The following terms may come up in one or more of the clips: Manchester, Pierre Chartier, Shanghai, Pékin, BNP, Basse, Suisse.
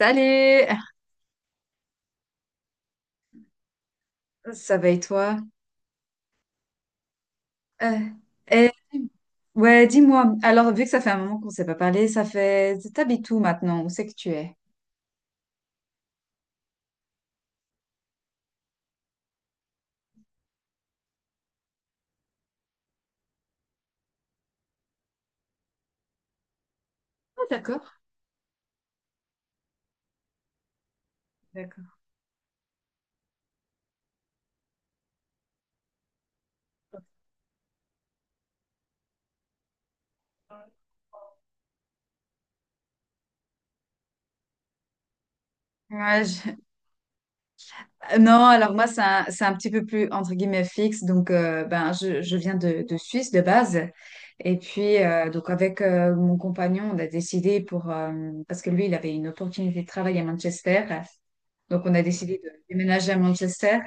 Salut! Ça va et toi? Euh, eh, ouais, dis-moi. Alors, vu que ça fait un moment qu'on ne s'est pas parlé, ça fait... T'habites où maintenant? Où c'est que tu es? Ah, d'accord. D'accord. Ouais, je- Non, alors moi, c'est c'est un petit peu plus, entre guillemets, fixe. Donc, ben, je viens de Suisse de base. Et puis, donc, avec mon compagnon, on a décidé pour... parce que lui, il avait une opportunité de travail à Manchester. Donc, on a décidé de déménager à Manchester.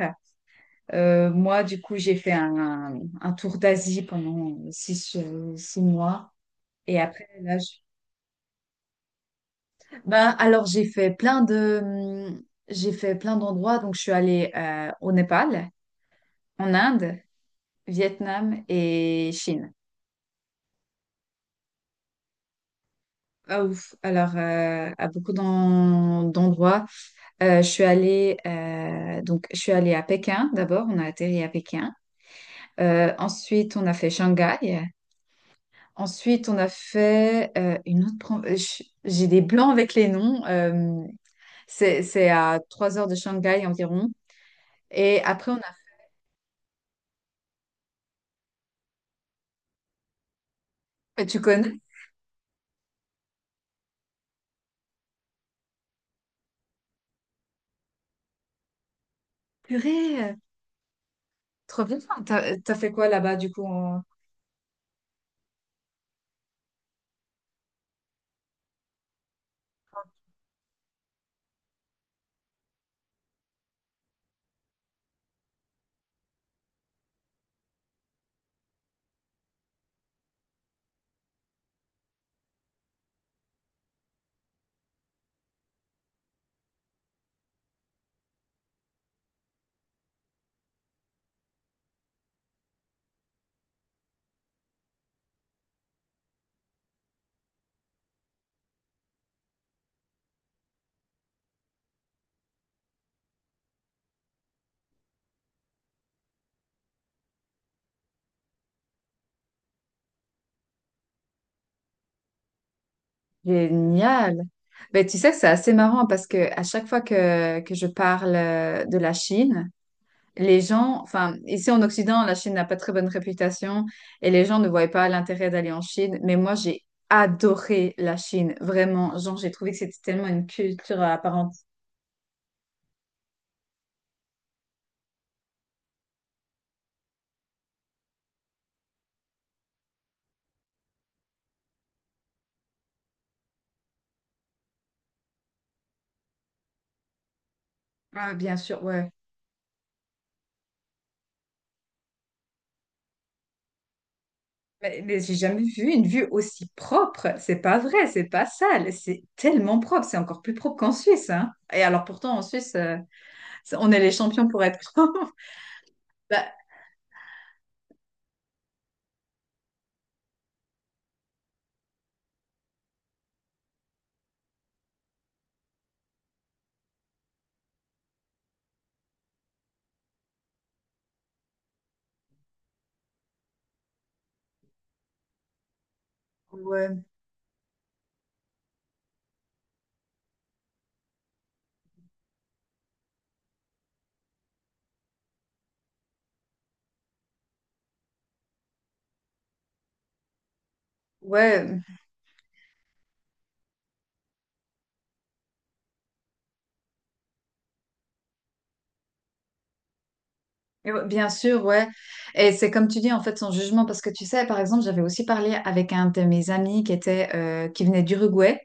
Moi, du coup, j'ai fait un tour d'Asie pendant six mois. Et après, là, ben, alors j'ai fait plein de, j'ai fait plein d'endroits. Donc, je suis allée au Népal, en Inde, Vietnam et Chine. Ah ouf. Alors, à beaucoup d'endroits. Je suis allée, donc, je suis allée à Pékin d'abord. On a atterri à Pékin. Ensuite, on a fait Shanghai. Ensuite, on a fait une autre. J'ai des blancs avec les noms. C'est à 3 heures de Shanghai environ. Et après, on a fait. Tu connais? Purée, euh, trop bien. Enfin, t'as fait quoi là-bas du coup? En- Génial. Mais tu sais, c'est assez marrant parce que à chaque fois que je parle de la Chine, les gens, enfin, ici en Occident, la Chine n'a pas très bonne réputation et les gens ne voyaient pas l'intérêt d'aller en Chine. Mais moi, j'ai adoré la Chine, vraiment. Genre, j'ai trouvé que c'était tellement une culture apparente. Ah, bien sûr, ouais. Mais j'ai jamais vu une vue aussi propre. C'est pas vrai, c'est pas sale. C'est tellement propre. C'est encore plus propre qu'en Suisse, hein. Et alors, pourtant, en Suisse, on est les champions pour être propre. Bah, ouais, ouais. Et ouais, bien sûr, ouais. Et c'est comme tu dis, en fait, son jugement, parce que tu sais, par exemple, j'avais aussi parlé avec un de mes amis qui était, qui venait d'Uruguay,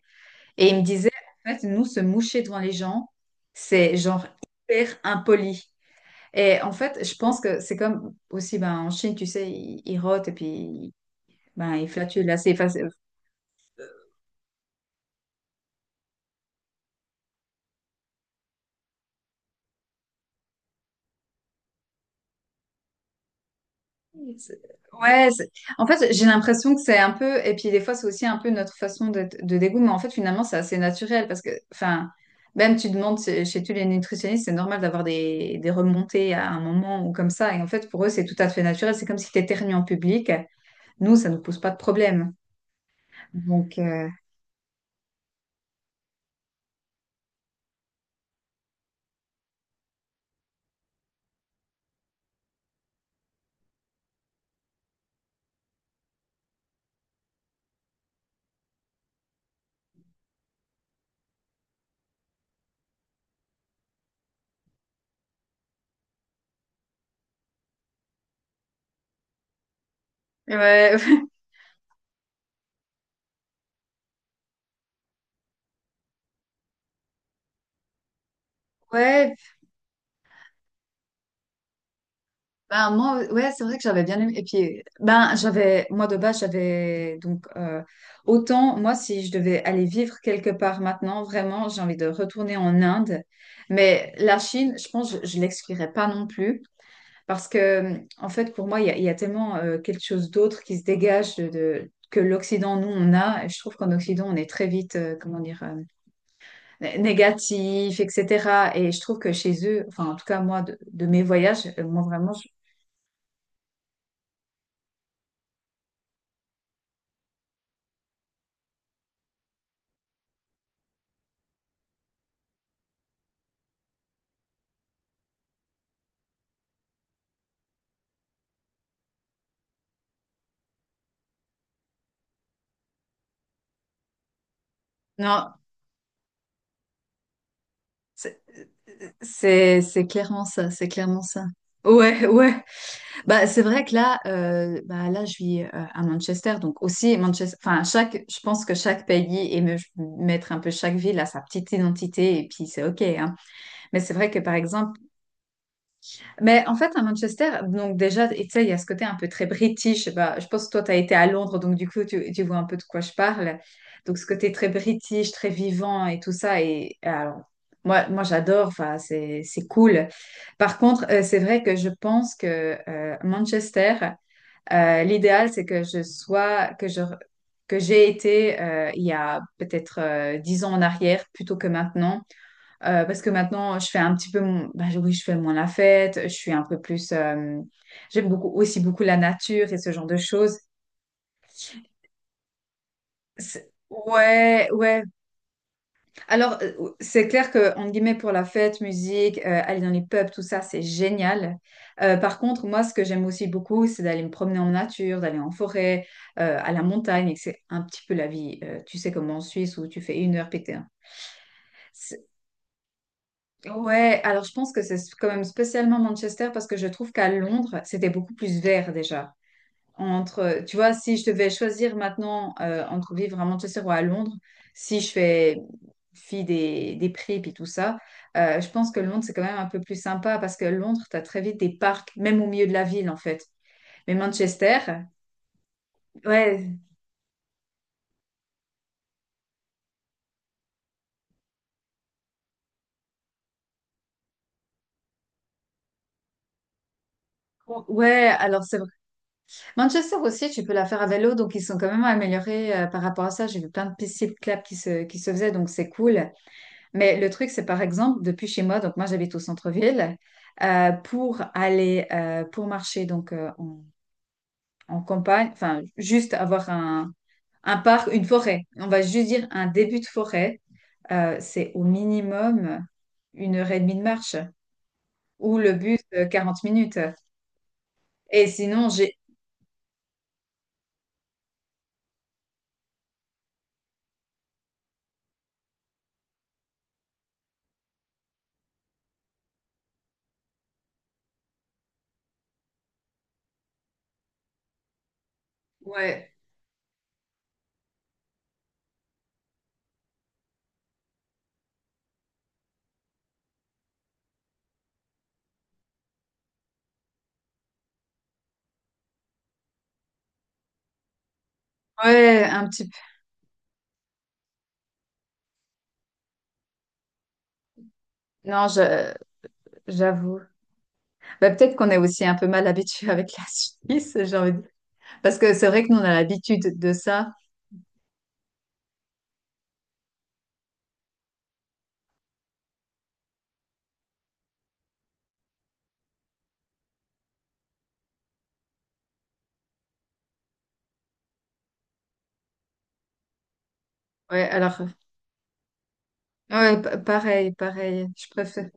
et il me disait, en fait, nous, se moucher devant les gens, c'est genre hyper impoli. Et en fait, je pense que c'est comme aussi, ben, en Chine, tu sais, ils rotent et puis, ben, ils flatulent assez faci- C'est- Ouais, c'est- en fait, j'ai l'impression que c'est un peu, et puis des fois, c'est aussi un peu notre façon de dégoût, mais en fait, finalement, c'est assez naturel parce que, enfin, même tu demandes chez tous les nutritionnistes, c'est normal d'avoir des remontées à un moment ou comme ça, et en fait, pour eux, c'est tout à fait naturel, c'est comme si tu éternues en public, nous, ça ne nous pose pas de problème. Donc, euh, ouais, ouais, ben, moi, ouais, c'est vrai que j'avais bien aimé. Et puis, ben, j'avais, moi de base, j'avais donc autant, moi, si je devais aller vivre quelque part maintenant, vraiment, j'ai envie de retourner en Inde. Mais la Chine, je pense, je l'exclurais pas non plus. Parce que, en fait, pour moi, il y a tellement quelque chose d'autre qui se dégage que l'Occident, nous, on a. Et je trouve qu'en Occident, on est très vite, négatif, etc. Et je trouve que chez eux, enfin, en tout cas, moi, de mes voyages, moi, vraiment, je- non. C'est clairement ça, c'est clairement ça. Ouais, ouais. Bah c'est vrai que là, bah là je vis à Manchester, donc aussi Manchester. Enfin chaque, je pense que chaque pays et me- mettre un peu chaque ville à sa petite identité et puis c'est ok, hein. Mais c'est vrai que par exemple, mais en fait à Manchester, donc déjà et tu sais il y a ce côté un peu très british. Je sais pas, je pense que toi tu as été à Londres, donc du coup tu vois un peu de quoi je parle. Donc ce côté très british, très vivant et tout ça et alors. Moi j'adore, enfin, c'est cool. Par contre, c'est vrai que je pense que Manchester, l'idéal, c'est que je sois, que je, que j'ai été il y a peut-être 10 ans en arrière plutôt que maintenant, parce que maintenant, je fais un petit peu, mon- ben, oui, je fais moins la fête, je suis un peu plus, j'aime beaucoup aussi beaucoup la nature et ce genre de choses. Ouais, ouais, Alors, euh, c'est clair que, entre guillemets, pour la fête, musique, aller dans les pubs, tout ça, c'est génial. Par contre, moi, ce que j'aime aussi beaucoup, c'est d'aller me promener en nature, d'aller en forêt, à la montagne, et que c'est un petit peu la vie. Tu sais, comme en Suisse, où tu fais une heure pété, hein. C'est- Ouais, alors je pense que c'est quand même spécialement Manchester, parce que je trouve qu'à Londres, c'était beaucoup plus vert déjà entre, tu vois, si je devais choisir maintenant entre vivre à Manchester ou à Londres, si je fais fi des prix et tout ça, je pense que Londres, c'est quand même un peu plus sympa parce que Londres, tu as très vite des parcs, même au milieu de la ville, en fait. Mais Manchester, ouais, ouais, alors c'est vrai. Manchester aussi, tu peux la faire à vélo, donc ils sont quand même améliorés par rapport à ça. J'ai vu plein de pistes cyclables qui qui se faisaient, donc c'est cool. Mais le truc, c'est par exemple, depuis chez moi, donc moi j'habite au centre-ville, pour aller, pour marcher donc en campagne, enfin juste avoir un parc, une forêt, on va juste dire un début de forêt, c'est au minimum une heure et demie de marche ou le bus 40 minutes. Et sinon, j'ai... Ouais, ouais, un petit peu. Non, je- j'avoue. Bah, peut-être qu'on est aussi un peu mal habitué avec la Suisse, j'ai envie de dire. Parce que c'est vrai que nous, on a l'habitude de ça. Ouais, alors, ouais, pa- pareil, pareil, je préfère.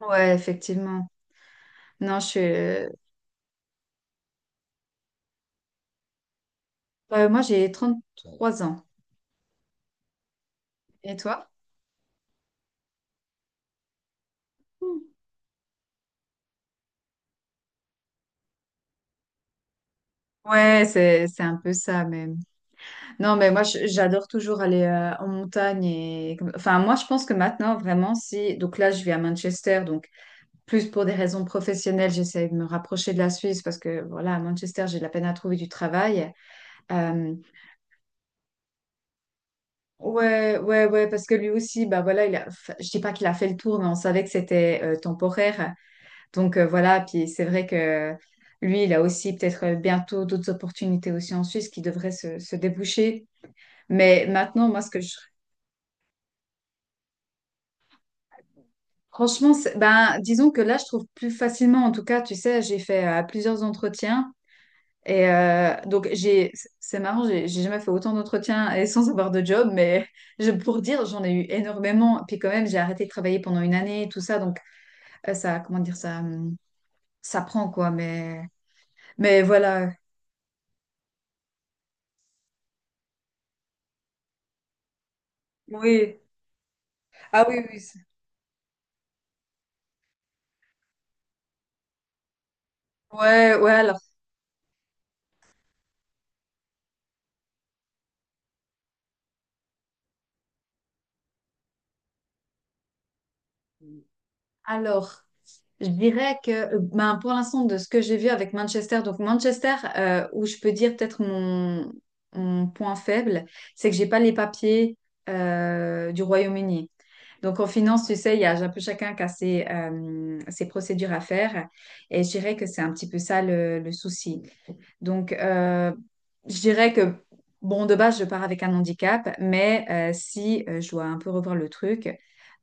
Ouais, effectivement. Non, je suis. Moi, j'ai 33 ans. Et toi? Ouais, c'est un peu ça, mais. Non, mais moi, je- j'adore toujours aller en montagne. Et... Enfin, moi, je pense que maintenant, vraiment, si. Donc là, je vis à Manchester, donc plus pour des raisons professionnelles, j'essaie de me rapprocher de la Suisse parce que, voilà, à Manchester, j'ai de la peine à trouver du travail. Euh, Ouais, ouais, ouais, parce que lui aussi, bah voilà, il a, enfin, je dis pas qu'il a fait le tour, mais on savait que c'était temporaire. Donc voilà, puis c'est vrai que lui, il a aussi peut-être bientôt d'autres opportunités aussi en Suisse qui devraient se déboucher. Mais maintenant, moi, ce que je, franchement, c'est- ben, disons que là, je trouve plus facilement, en tout cas, tu sais, j'ai fait plusieurs entretiens et donc j'ai, c'est marrant, j'ai jamais fait autant d'entretiens et sans avoir de job, mais je, pour dire, j'en ai eu énormément. Puis quand même, j'ai arrêté de travailler pendant une année, tout ça, donc. Ça, comment dire, ça prend quoi, mais voilà. Oui. Ah oui, oui, c'est- Ouais, ouais, alors. Alors, je dirais que, ben, pour l'instant, de ce que j'ai vu avec Manchester, donc Manchester, où je peux dire peut-être mon, mon point faible, c'est que j'ai pas les papiers du Royaume-Uni. Donc en finance, tu sais, il y a un peu chacun qui a ses, ses procédures à faire. Et je dirais que c'est un petit peu ça le souci. Donc, je dirais que, bon, de base, je pars avec un handicap, mais si je dois un peu revoir le truc,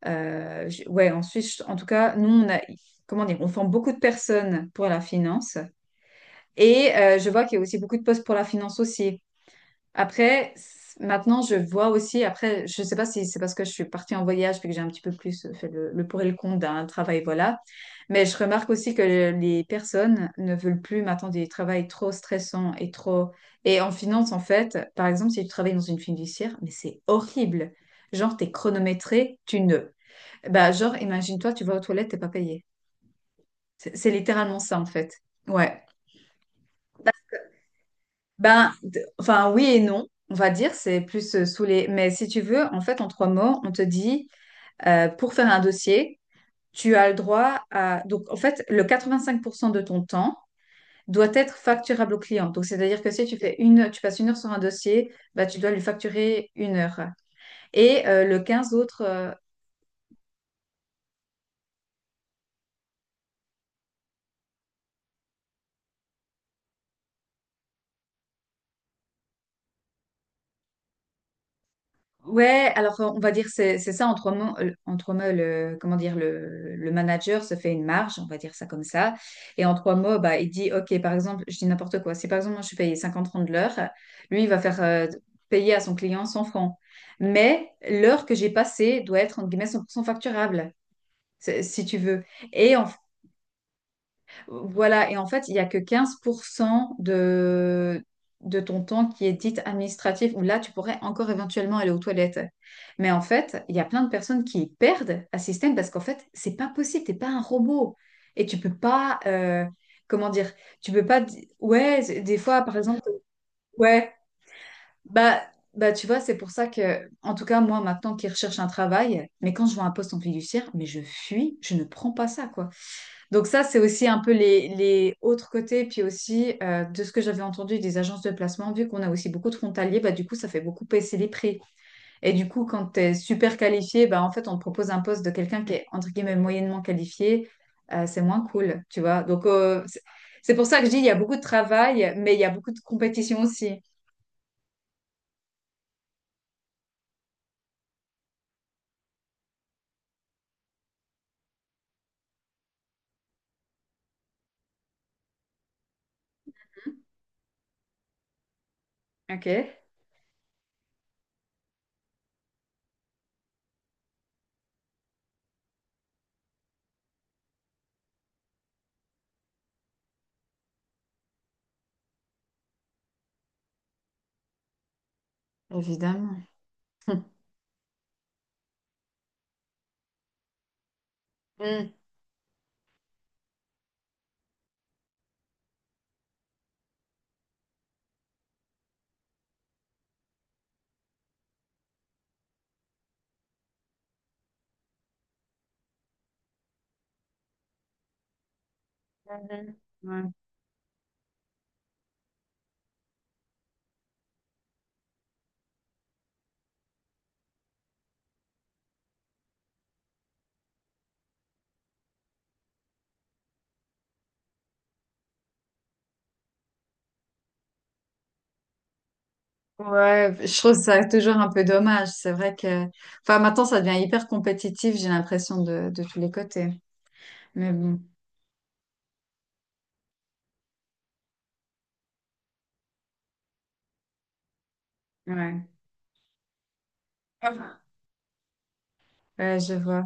ouais, en Suisse, en tout cas, nous, on a, comment dire, on forme beaucoup de personnes pour la finance. Et je vois qu'il y a aussi beaucoup de postes pour la finance aussi. Après, c- maintenant, je vois aussi, après, je ne sais pas si c'est parce que je suis partie en voyage puis que j'ai un petit peu plus fait le pour et le contre d'un travail, voilà. Mais je remarque aussi que les personnes ne veulent plus maintenant des travails trop stressants et trop... Et en finance, en fait, par exemple, si tu travailles dans une fiduciaire, mais c'est horrible. Genre, t'es chronométré, tu ne... Bah, genre, imagine-toi, tu vas aux toilettes, t'es pas payé. C'est littéralement ça, en fait. Ouais. Ben, d- enfin, oui et non, on va dire, c'est plus sous les... Mais si tu veux, en fait, en trois mots, on te dit, pour faire un dossier, tu as le droit à... Donc, en fait, le 85% de ton temps doit être facturable au client. Donc, c'est-à-dire que si tu fais une, tu passes une heure sur un dossier, bah, tu dois lui facturer une heure. Et le 15 autres ouais, alors on va dire c'est ça en trois mots le comment dire le manager se fait une marge, on va dire ça comme ça. Et en trois mots, bah il dit OK, par exemple, je dis n'importe quoi. Si par exemple moi je suis payée 50 francs de l'heure, lui il va faire payer à son client 100 francs. Mais l'heure que j'ai passée doit être entre guillemets 100% facturable, c'est- si tu veux. Et en voilà, et en fait, il n'y a que 15% de ton temps qui est dit administratif, où là, tu pourrais encore éventuellement aller aux toilettes. Mais en fait, il y a plein de personnes qui perdent un système parce qu'en fait, c'est pas possible, t'es pas un robot. Et tu peux pas, comment dire, tu peux pas, di- ouais, c'est- des fois, par exemple, ouais, bah, bah tu vois, c'est pour ça que, en tout cas, moi, maintenant qui recherche un travail, mais quand je vois un poste en fiduciaire, mais je fuis, je ne prends pas ça, quoi. Donc ça, c'est aussi un peu les autres côtés, puis aussi de ce que j'avais entendu des agences de placement, vu qu'on a aussi beaucoup de frontaliers, bah, du coup, ça fait beaucoup baisser les prix. Et du coup, quand tu es super qualifié, bah, en fait, on te propose un poste de quelqu'un qui est, entre guillemets, moyennement qualifié, c'est moins cool, tu vois. Donc c'est pour ça que je dis, il y a beaucoup de travail, mais il y a beaucoup de compétition aussi. Ok. Évidemment. Mhm. Mhm. Ouais. Ouais, je trouve ça toujours un peu dommage. C'est vrai que, enfin, maintenant, ça devient hyper compétitif, j'ai l'impression de tous les côtés. Mais bon, ouais. Ouais, je vois.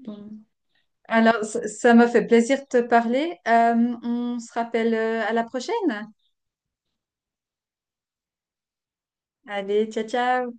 Bon. Alors, ça ça m'a fait plaisir de te parler. On se rappelle à la prochaine. Allez, ciao, ciao.